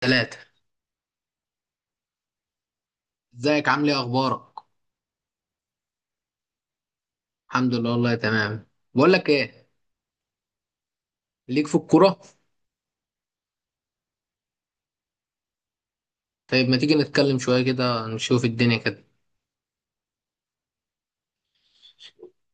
ثلاثة. ازيك؟ عامل ايه؟ اخبارك؟ الحمد لله، والله تمام. بقول لك ايه، ليك في الكورة؟ طيب، ما تيجي نتكلم شوية كده، نشوف الدنيا كده.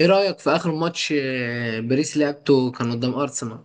ايه رأيك في اخر ماتش باريس؟ لعبته كان قدام ارسنال.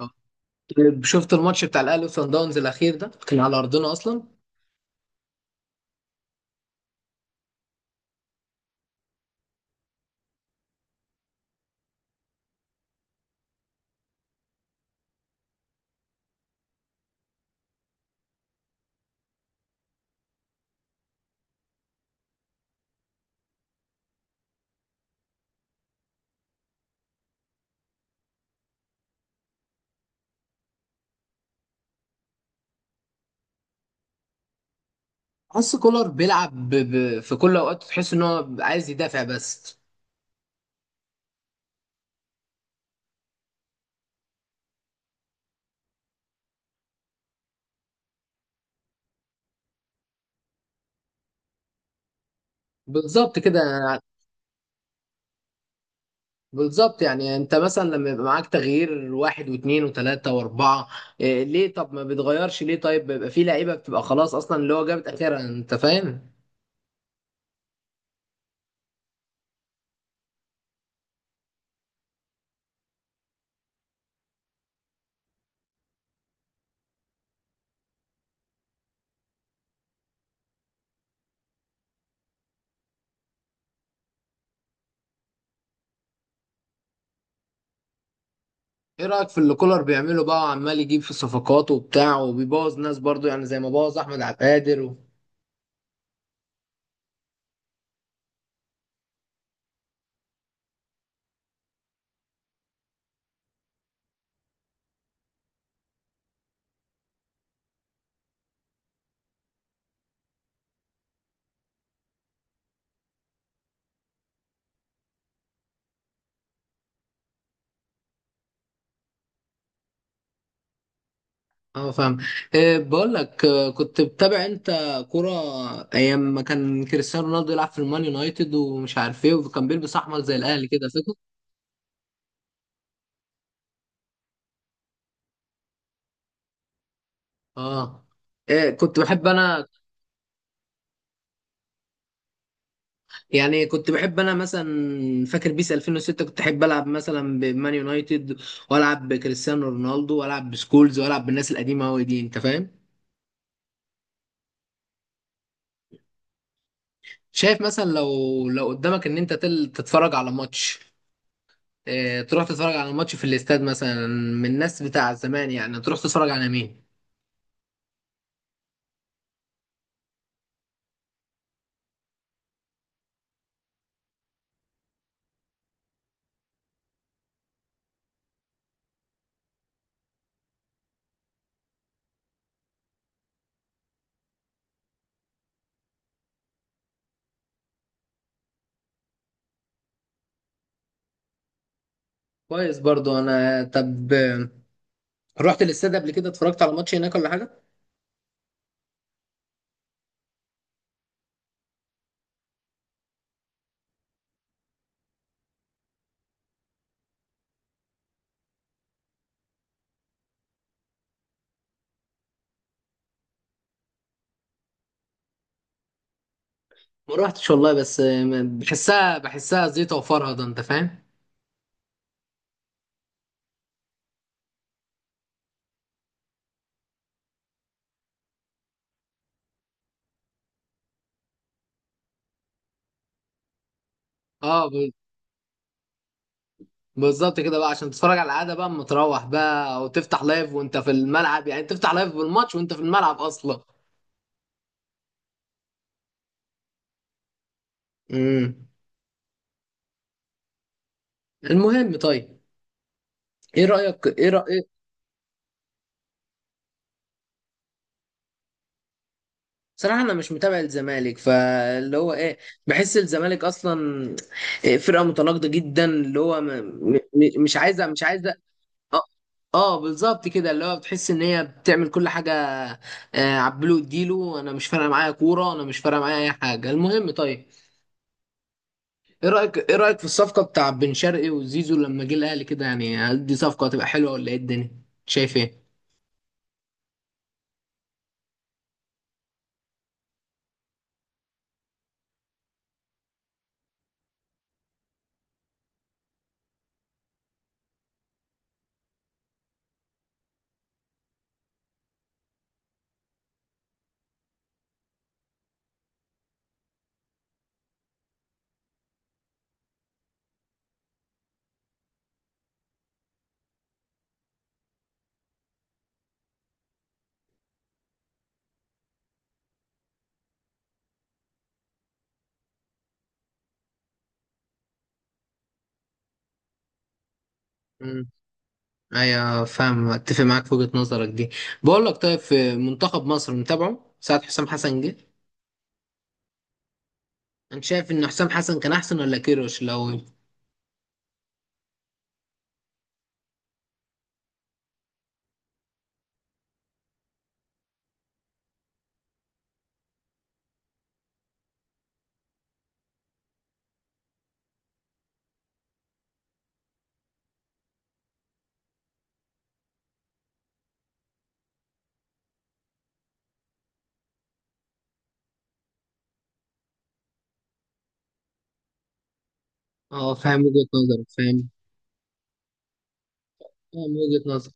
آه. طيب، شفت الماتش بتاع الاهلي وصن داونز الاخير ده؟ كان على ارضنا اصلا. حس كولر بيلعب في كل اوقات، تحس ان هو عايز يدافع بس. بالظبط كده. بالظبط، يعني انت مثلا لما يبقى معاك تغيير واحد واثنين وثلاثة واربعة، إيه ليه؟ طب ما بتغيرش ليه؟ طيب، بيبقى في لعيبة بتبقى خلاص اصلا، اللي هو جابت اخرها، انت فاهم. ايه رأيك في اللي كولر بيعمله بقى، وعمال يجيب في الصفقات وبتاع، وبيبوظ ناس برضو، يعني زي ما بوظ احمد عبد القادر و... اه، فاهم. إيه، بقول لك كنت بتابع انت كرة ايام ما كان كريستيانو رونالدو يلعب في المان يونايتد ومش عارف ايه، وكان بيلبس احمر زي الاهلي كده، فاكر؟ اه. إيه، كنت بحب انا، يعني كنت بحب انا مثلا، فاكر بيس 2006 كنت احب العب مثلا بمان يونايتد، والعب بكريستيانو رونالدو، والعب بسكولز، والعب بالناس القديمه قوي دي، انت فاهم. شايف مثلا، لو قدامك ان انت تتفرج على ماتش، اه، تروح تتفرج على ماتش في الاستاد مثلا من الناس بتاع زمان، يعني تروح تتفرج على مين؟ كويس. برضو انا، طب رحت الاستاد قبل كده؟ اتفرجت على ماتش هناك ولا حاجه؟ ما روحتش والله، بس بحسها زيطه وفرهده، انت فاهم. اه. بالظبط كده بقى، عشان تتفرج على العاده بقى، اما تروح بقى وتفتح لايف وانت في الملعب، يعني تفتح لايف بالماتش وانت في الملعب اصلا. امم. المهم، طيب، ايه رايك؟ صراحه انا مش متابع الزمالك، فاللي هو ايه، بحس الزمالك اصلا إيه، فرقه متناقضه جدا، اللي هو مش عايزه. اه، بالظبط كده، اللي هو بتحس ان هي بتعمل كل حاجه. عبله اديله، انا مش فارقه معايا كوره، انا مش فارقه معايا اي حاجه. المهم، طيب، ايه رايك في الصفقه بتاع بن شرقي وزيزو لما جه الاهلي كده؟ يعني هل دي صفقه هتبقى حلوه ولا ايه؟ الدنيا شايف ايه؟ امم. ايوه، فاهم، اتفق معاك في وجهه نظرك دي. بقول لك، طيب، في منتخب مصر متابعه ساعه حسام حسن جه؟ انت شايف ان حسام حسن كان احسن ولا كيروش؟ لو اه، فاهم وجهه نظرك. فاهم وجهه نظرك.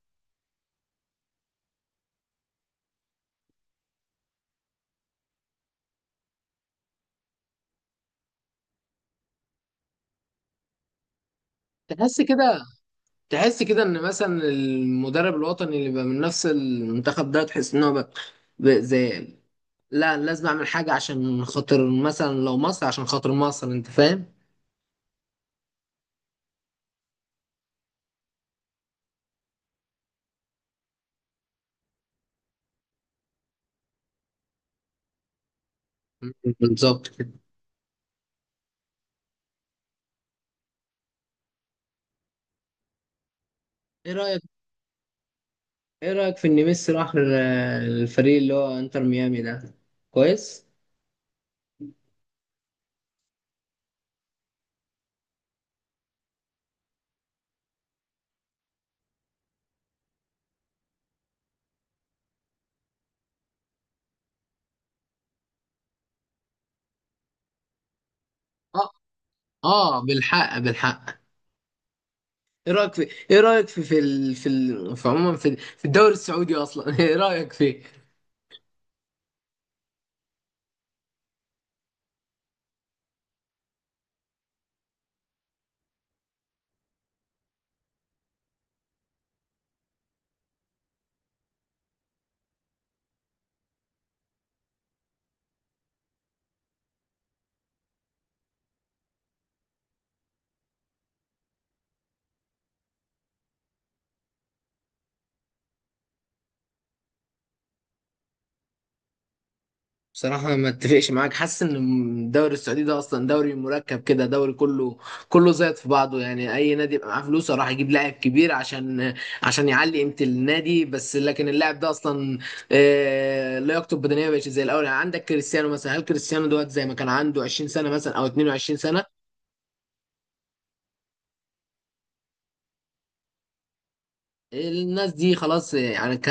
تحس كده تحس كده ان مثلا المدرب الوطني اللي بقى من نفس المنتخب ده، تحس ان هو بقى، بقى زي لا، لازم اعمل حاجه عشان خاطر مثلا لو مصر، عشان خاطر مصر، انت فاهم. بالظبط كده. ايه رايك ايه رايك في ان ميسي راح الفريق اللي هو انتر ميامي ده؟ كويس. اه اه، بالحق بالحق. ايه رايك في، ايه رايك في عموما في الدوري السعودي اصلا، ايه رايك فيه؟ بصراحة ما اتفقش معاك، حاسس ان الدوري السعودي ده اصلا دوري مركب كده، دوري كله كله زيط في بعضه، يعني اي نادي يبقى معاه فلوسه راح يجيب لاعب كبير عشان يعلي قيمة النادي، بس لكن اللاعب ده اصلا لياقته البدنية مبقتش زي الاول، يعني عندك كريستيانو مثلا، هل كريستيانو دوت زي ما كان عنده 20 سنة مثلا او 22 سنة؟ الناس دي خلاص، يعني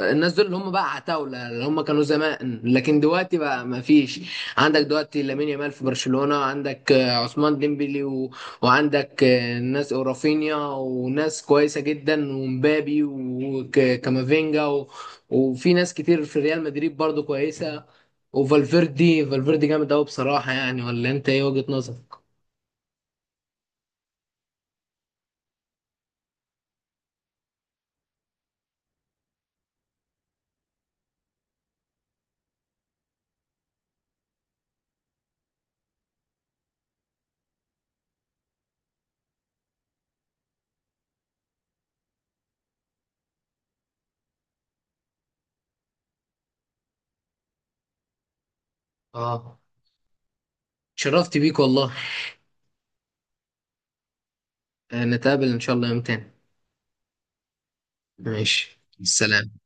الناس دول اللي هم بقى عتاولة، اللي هم كانوا زمان، لكن دلوقتي بقى ما فيش. عندك دلوقتي لامين يامال في برشلونة، عندك عثمان ديمبلي و... وعندك ناس، ورافينيا، وناس كويسة جدا، ومبابي، وكامافينجا و... وفي ناس كتير في ريال مدريد برضو كويسة، وفالفيردي جامد قوي بصراحة، يعني، ولا انت ايه وجهة نظرك؟ اه، شرفت بيك والله. نتقابل ان شاء الله يوم تاني. ماشي، السلام.